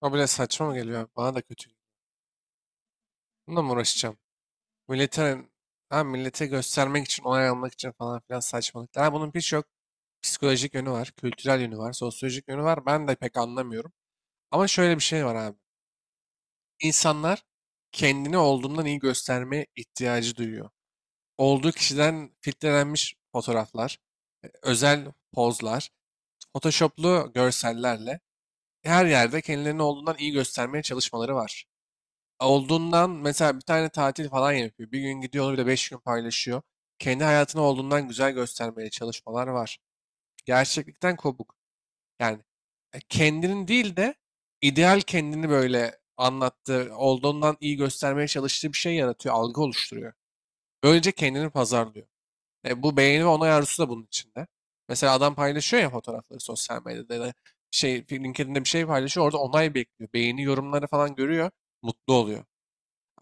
O bile saçma mı geliyor? Bana da kötü. Bununla mı uğraşacağım? Millete, ha, millete göstermek için, onay almak için falan filan saçmalıklar. Ha, bunun birçok psikolojik yönü var, kültürel yönü var, sosyolojik yönü var. Ben de pek anlamıyorum. Ama şöyle bir şey var abi. İnsanlar kendini olduğundan iyi göstermeye ihtiyacı duyuyor. Olduğu kişiden filtrelenmiş fotoğraflar, özel pozlar, photoshoplu görsellerle her yerde kendilerini olduğundan iyi göstermeye çalışmaları var. Mesela bir tane tatil falan yapıyor. Bir gün gidiyor onu bir de beş gün paylaşıyor. Kendi hayatını olduğundan güzel göstermeye çalışmalar var. Gerçeklikten kopuk. Yani kendinin değil de ideal kendini böyle anlattığı, olduğundan iyi göstermeye çalıştığı bir şey yaratıyor, algı oluşturuyor. Böylece kendini pazarlıyor. Bu beğeni ve onay arzusu da bunun içinde. Mesela adam paylaşıyor ya fotoğrafları sosyal medyada ya da şey LinkedIn'de bir şey paylaşıyor orada onay bekliyor. Beğeni yorumları falan görüyor, mutlu oluyor.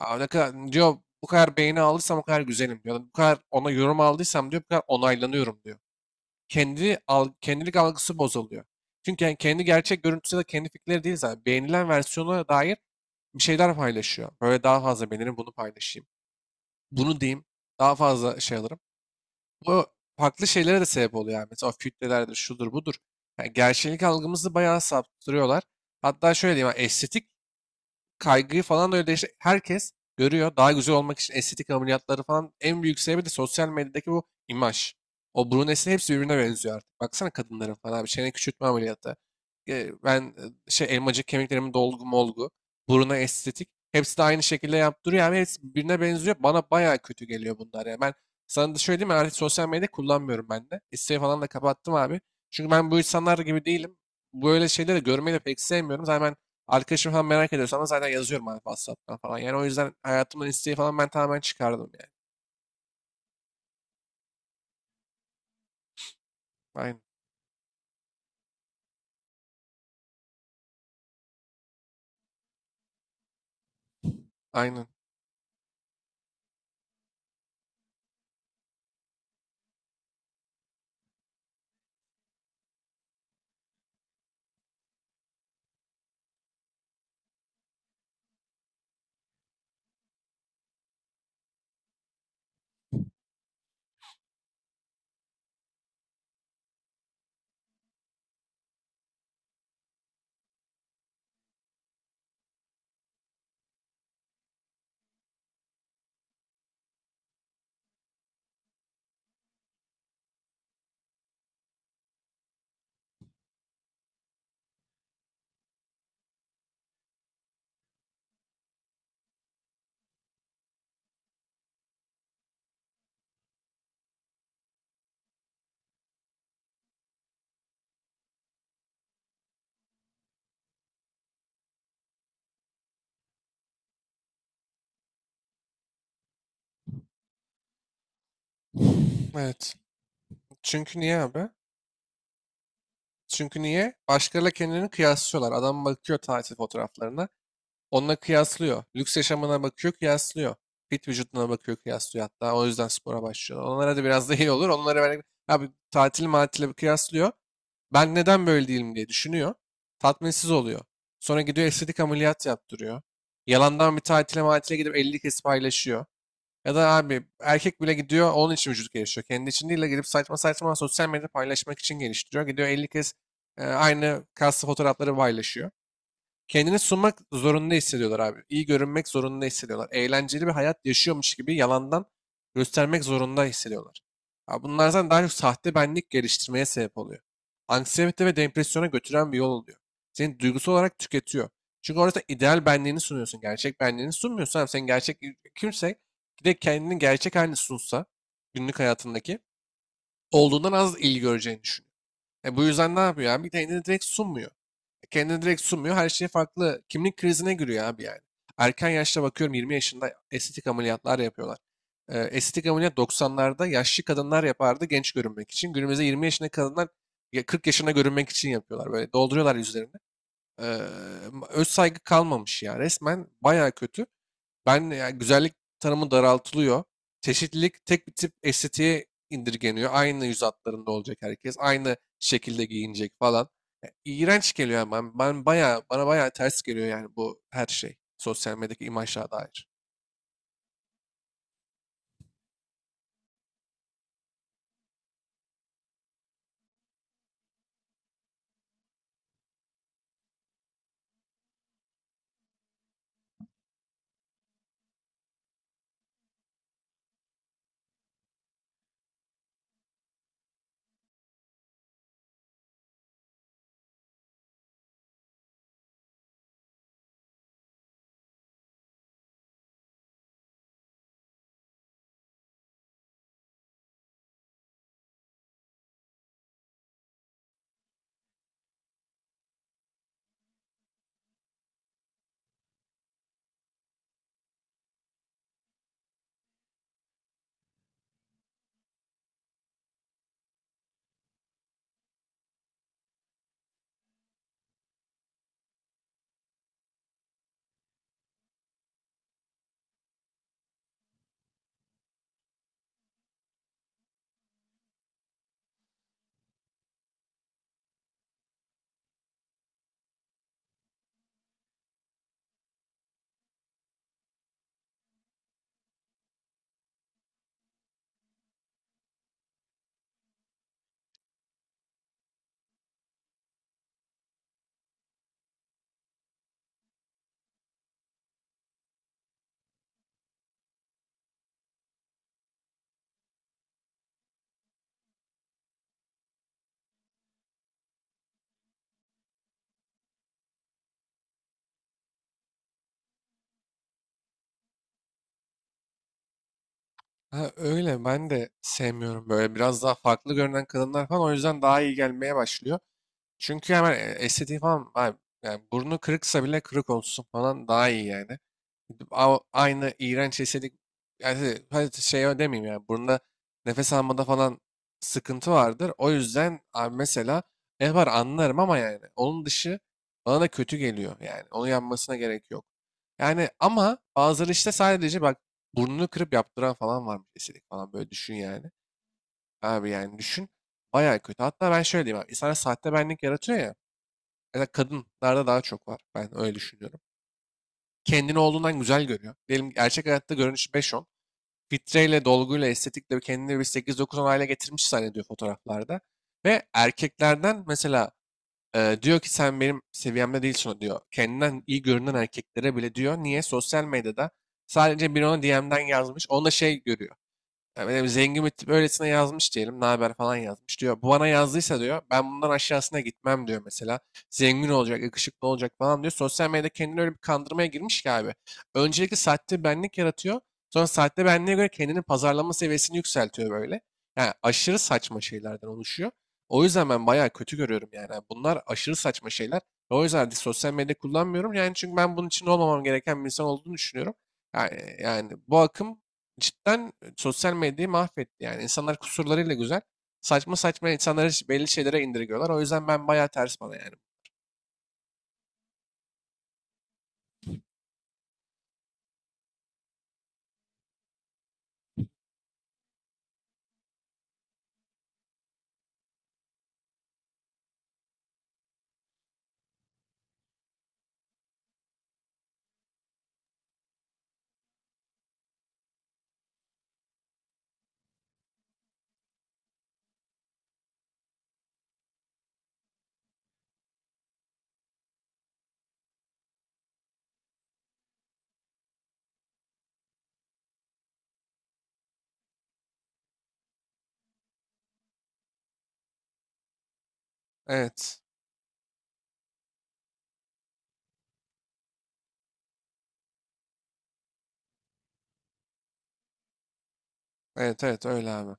Aa, ne kadar, diyor bu kadar beğeni aldıysam o kadar güzelim diyor. Bu kadar ona yorum aldıysam diyor bu kadar onaylanıyorum diyor. Kendilik algısı bozuluyor. Çünkü yani kendi gerçek görüntüsü ya da kendi fikirleri değil zaten. Beğenilen versiyona dair bir şeyler paylaşıyor. Böyle daha fazla beğenirim bunu paylaşayım. Bunu diyeyim daha fazla şey alırım. Bu farklı şeylere de sebep oluyor yani. Mesela filtrelerdir şudur budur. Yani gerçeklik algımızı bayağı saptırıyorlar. Hatta şöyle diyeyim yani estetik kaygıyı falan da öyle işte herkes görüyor. Daha güzel olmak için estetik ameliyatları falan en büyük sebebi de sosyal medyadaki bu imaj. O brunesin hepsi birbirine benziyor artık. Baksana kadınların falan bir çene küçültme ameliyatı. E, ben şey elmacık kemiklerimin dolgu molgu. Buruna estetik. Hepsi de aynı şekilde yaptırıyor. Yani hepsi birbirine benziyor. Bana bayağı kötü geliyor bunlar. Yani ben sana da şöyle diyeyim mi? Artık sosyal medya kullanmıyorum ben de. İsteği falan da kapattım abi. Çünkü ben bu insanlar gibi değilim. Böyle şeyleri görmeyi de pek sevmiyorum. Zaten ben arkadaşım falan merak ediyorsa ama zaten yazıyorum abi WhatsApp'tan falan. Yani o yüzden hayatımdan isteği falan ben tamamen çıkardım yani. Aynen. Aynen. Evet. Çünkü niye abi? Çünkü niye? Başkalarıyla kendilerini kıyaslıyorlar. Adam bakıyor tatil fotoğraflarına. Onunla kıyaslıyor. Lüks yaşamına bakıyor, kıyaslıyor. Fit vücuduna bakıyor, kıyaslıyor hatta. O yüzden spora başlıyor. Onlara da biraz da iyi olur. Onlara böyle abi tatil matile kıyaslıyor. Ben neden böyle değilim diye düşünüyor. Tatminsiz oluyor. Sonra gidiyor estetik ameliyat yaptırıyor. Yalandan bir tatile matile gidip 50 kez paylaşıyor. Ya da abi erkek bile gidiyor onun için vücut geliştiriyor. Kendi için değil de gidip saçma saçma sosyal medyada paylaşmak için geliştiriyor. Gidiyor 50 kez aynı kaslı fotoğrafları paylaşıyor. Kendini sunmak zorunda hissediyorlar abi. İyi görünmek zorunda hissediyorlar. Eğlenceli bir hayat yaşıyormuş gibi yalandan göstermek zorunda hissediyorlar. Ya bunlardan daha çok sahte benlik geliştirmeye sebep oluyor. Anksiyete ve depresyona götüren bir yol oluyor. Seni duygusal olarak tüketiyor. Çünkü orada ideal benliğini sunuyorsun. Gerçek benliğini sunmuyorsun. Abi. Sen gerçek kimse bir de kendini gerçek halini sunsa günlük hayatındaki olduğundan az ilgi göreceğini düşünüyorum. E, bu yüzden ne yapıyor abi? Kendini direkt sunmuyor. Kendini direkt sunmuyor. Her şey farklı. Kimlik krizine giriyor abi yani. Erken yaşta bakıyorum 20 yaşında estetik ameliyatlar yapıyorlar. E, estetik ameliyat 90'larda yaşlı kadınlar yapardı genç görünmek için. Günümüzde 20 yaşında kadınlar ya 40 yaşına görünmek için yapıyorlar. Böyle dolduruyorlar yüzlerini. E, Öz saygı kalmamış ya. Resmen baya kötü. Ben yani güzellik tanımı daraltılıyor. Çeşitlilik tek bir tip estetiğe indirgeniyor. Aynı yüz hatlarında olacak herkes. Aynı şekilde giyinecek falan. Ya, İğrenç geliyor yani. Ben bayağı, bana bayağı ters geliyor yani bu her şey. Sosyal medyadaki imajlara dair. Ha, öyle ben de sevmiyorum böyle biraz daha farklı görünen kadınlar falan o yüzden daha iyi gelmeye başlıyor. Çünkü hemen estetiği falan abi, yani burnu kırıksa bile kırık olsun falan daha iyi yani. Aynı iğrenç estetik yani şey, hadi şey demeyeyim yani burnunda nefes almada falan sıkıntı vardır. O yüzden abi mesela yapar anlarım ama yani onun dışı bana da kötü geliyor yani. Onu yapmasına gerek yok. Yani ama bazıları işte sadece bak burnunu kırıp yaptıran falan varmış estetik falan böyle düşün yani. Abi yani düşün. Bayağı kötü. Hatta ben şöyle diyeyim abi. İnsanlar sahte benlik yaratıyor ya. Ya kadınlarda daha çok var. Ben öyle düşünüyorum. Kendini olduğundan güzel görüyor. Diyelim gerçek hayatta görünüş beş on fitreyle, dolguyla, estetikle bir kendini bir sekiz dokuz on hale getirmiş zannediyor fotoğraflarda. Ve erkeklerden mesela diyor ki sen benim seviyemde değilsin diyor. Kendinden iyi görünen erkeklere bile diyor. Niye? Sosyal medyada sadece bir ona DM'den yazmış. Onda şey görüyor. Ya benim zengin bir tip öylesine yazmış diyelim. Ne haber falan yazmış diyor. Bu bana yazdıysa diyor. Ben bundan aşağısına gitmem diyor mesela. Zengin olacak, yakışıklı olacak falan diyor. Sosyal medyada kendini öyle bir kandırmaya girmiş ki abi. Öncelikle sahte benlik yaratıyor. Sonra sahte benliğe göre kendini pazarlama seviyesini yükseltiyor böyle. Yani aşırı saçma şeylerden oluşuyor. O yüzden ben bayağı kötü görüyorum yani. Yani bunlar aşırı saçma şeyler. Ve o yüzden de sosyal medya kullanmıyorum. Yani çünkü ben bunun için olmamam gereken bir insan olduğunu düşünüyorum. Yani, yani bu akım cidden sosyal medyayı mahvetti yani. İnsanlar kusurlarıyla güzel. Saçma saçma insanları belli şeylere indirgiyorlar. O yüzden ben bayağı ters bana yani. Evet. Evet evet öyle abi.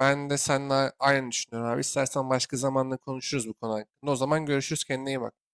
Ben de seninle aynı düşünüyorum abi. İstersen başka zamanla konuşuruz bu konu hakkında. O zaman görüşürüz. Kendine iyi bak.